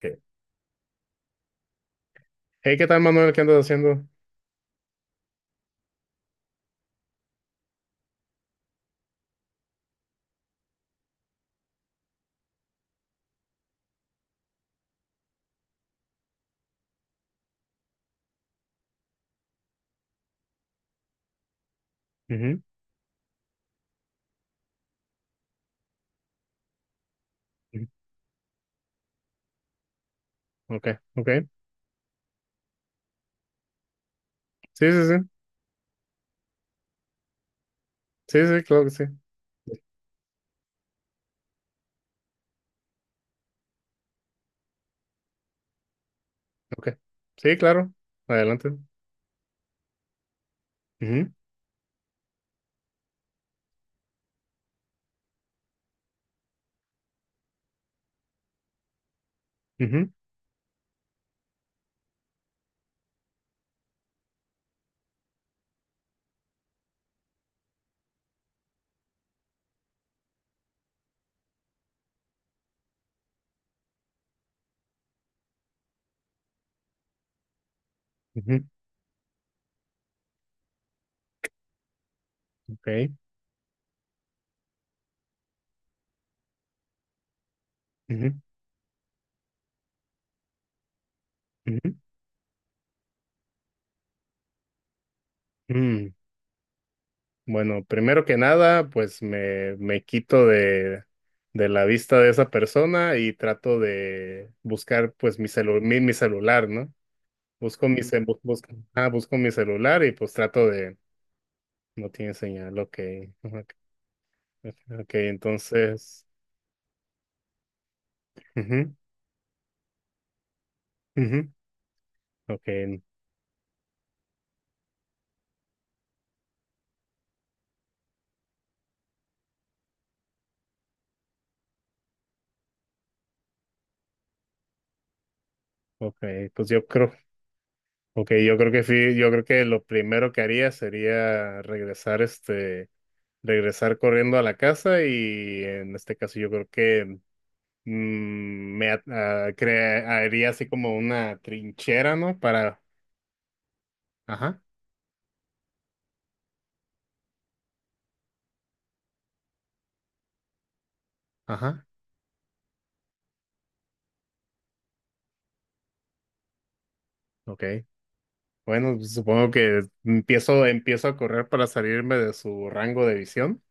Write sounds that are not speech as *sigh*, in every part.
Ok. Hey, ¿qué tal, Manuel? ¿Qué andas haciendo? Ujú, ujú. Ok, ok. Sí, sí, sí. Sí, sí, claro que sí. Ok. Sí, claro. Adelante. Ujú, ujú, ujú. Ok. Ujú, ujú. Mm. Bueno, primero que nada, pues me quito de la vista de esa persona y trato de buscar pues mi mi celular, ¿no? Busco mi, ce- bu- busco, ah, busco mi celular y pues trato de. No tiene señal, ok. Ajá. Ok, entonces. Ujú, ujú. Okay, okay, okay, yo creo que lo primero que haría sería regresar, regresar corriendo a la casa y en este caso yo creo que me at- ah, cre- haría así como una trinchera, ¿no? Para, ajá, ajá, okay. Bueno, pues supongo que empiezo a correr para salirme de su rango de visión.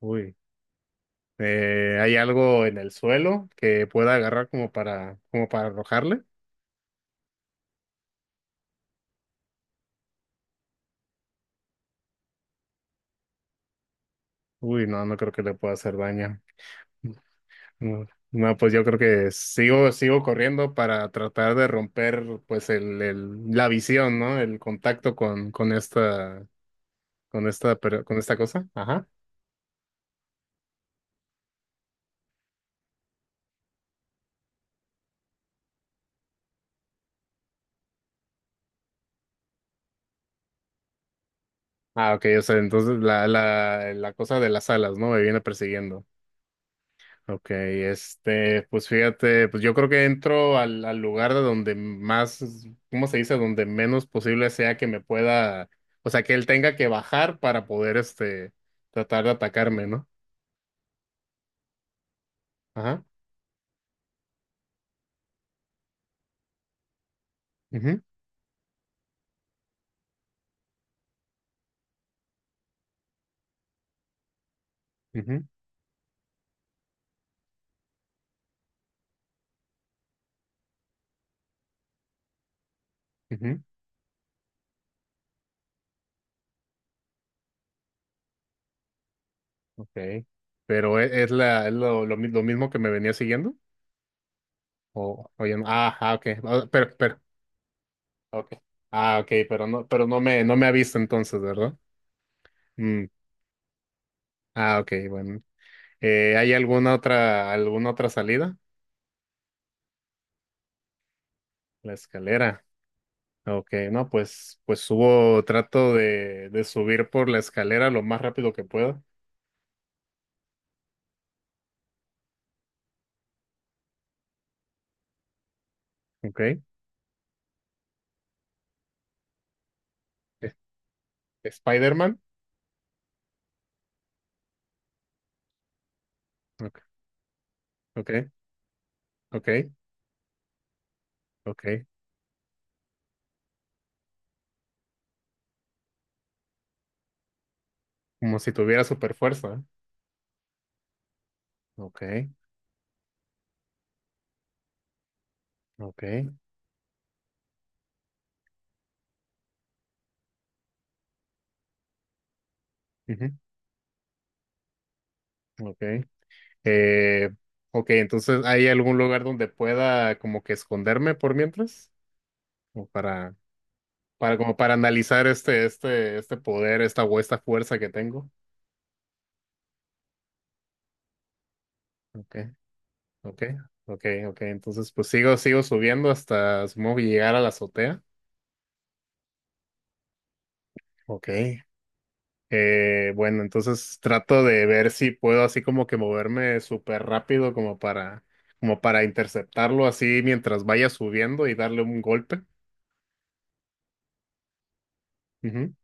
Uy. ¿Hay algo en el suelo que pueda agarrar como para arrojarle? Uy, no, no creo que le pueda hacer daño. No, no, pues yo creo que sigo corriendo para tratar de romper pues la visión, ¿no? El contacto con esta cosa. Ajá. Ah, ok, o sea, entonces la cosa de las alas, ¿no? Me viene persiguiendo. Ok, pues fíjate, pues yo creo que entro al lugar de donde más, ¿cómo se dice? Donde menos posible sea que me pueda, o sea, que él tenga que bajar para poder, tratar de atacarme, ¿no? Ajá. Mhm, mhm, mhm. Okay. Pero es lo, mi- lo mismo que me venía siguiendo, o no. Ah, ah, okay. Ah, okay. Ah, okay, no me ha visto entonces, ¿verdad? Mm. Ah, okay, bueno. ¿Hay alguna otra salida? La escalera. Ok, no, pues subo, trato de subir por la escalera lo más rápido que pueda. Ok. Es- Spider-Man. Ok, ok, ok, ok. Como si tuviera super fuerza. Ok, ok. Ujú, ok. Eh, ok, entonces, ¿hay algún lugar donde pueda como que esconderme por mientras? Como para, como para analizar este poder, esta fuerza que tengo. Ok, ok, ok, ok. Entonces, pues sigo subiendo hasta supongo que llegar a la azotea. Ok. Bueno, entonces trato de ver si puedo así como que moverme súper rápido como para interceptarlo así mientras vaya subiendo y darle un golpe. Ujú.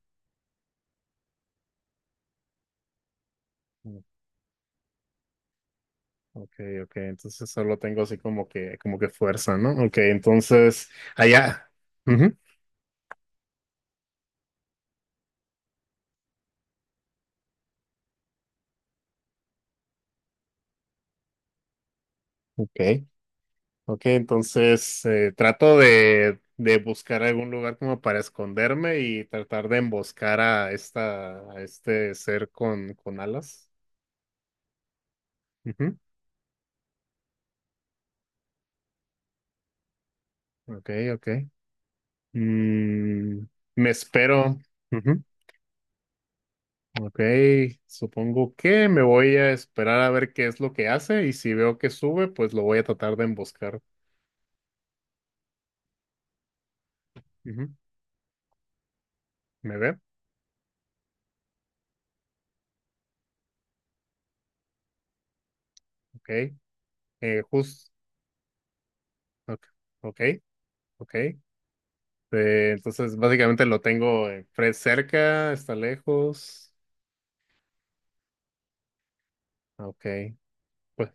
Mm, ok, ok. Entonces solo tengo así como que fuerza, ¿no? Ok, entonces allá. Ujú, ok. Ok, entonces trato de buscar algún lugar como para esconderme y tratar de emboscar a a este ser con alas. Ujú, ok, ok. Mm, me espero. Ujú, ok, supongo que me voy a esperar a ver qué es lo que hace y si veo que sube, pues lo voy a tratar de emboscar. Ujú, ¿me ve? Ok. Justo. Ok, ok. Ok. Sí, entonces básicamente lo tengo cerca, está lejos. Ah, ok, pues,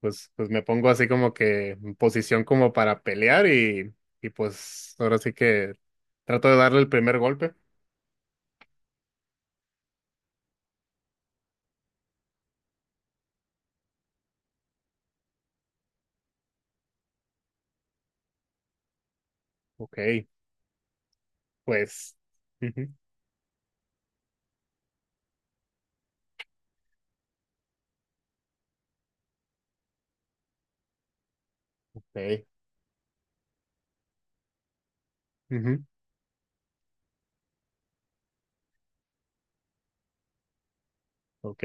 pues me pongo así como que en posición como para pelear y pues ahora sí que trato de darle el primer golpe. Ok, pues. Ujú, ok, ujú, ok.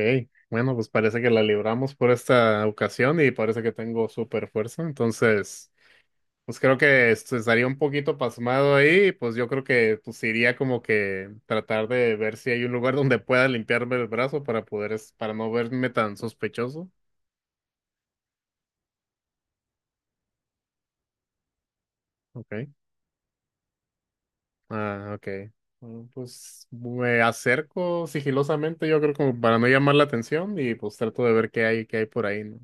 Bueno, pues parece que la libramos por esta ocasión y parece que tengo super fuerza. Entonces. Pues creo que esto estaría un poquito pasmado ahí, pues yo creo que pues iría como que tratar de ver si hay un lugar donde pueda limpiarme el brazo para poder, para no verme tan sospechoso. Okay. Ah, okay. Bueno, pues me acerco sigilosamente, yo creo como para no llamar la atención y pues trato de ver qué hay por ahí, ¿no?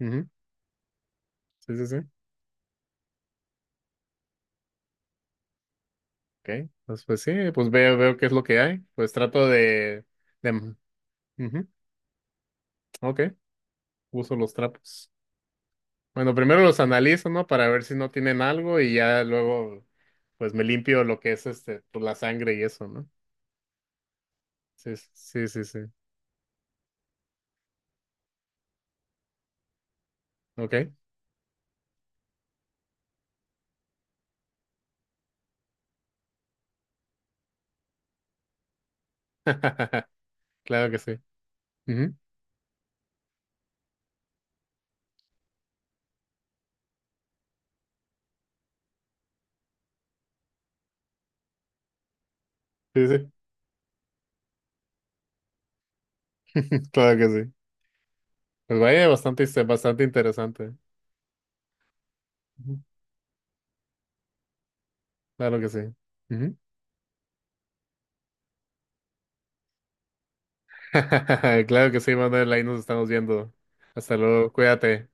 Ujú. Sí, sí, sí. Okay. Pues sí, pues veo, veo qué es lo que hay. Pues trato de... Ujú. Ok. Uso los trapos. Bueno, primero los analizo, ¿no? Para ver si no tienen algo y ya luego, pues me limpio lo que es pues, la sangre y eso, ¿no? Sí, sí, sí, sí. Ok. *laughs* Claro que sí. Ujú. Sí, sí. *laughs* Claro que sí. Pues vaya, bastante interesante. Ujú. Claro que sí. Ujú. *laughs* Claro que sí, Manuel. Ahí nos estamos viendo. Hasta luego. Cuídate.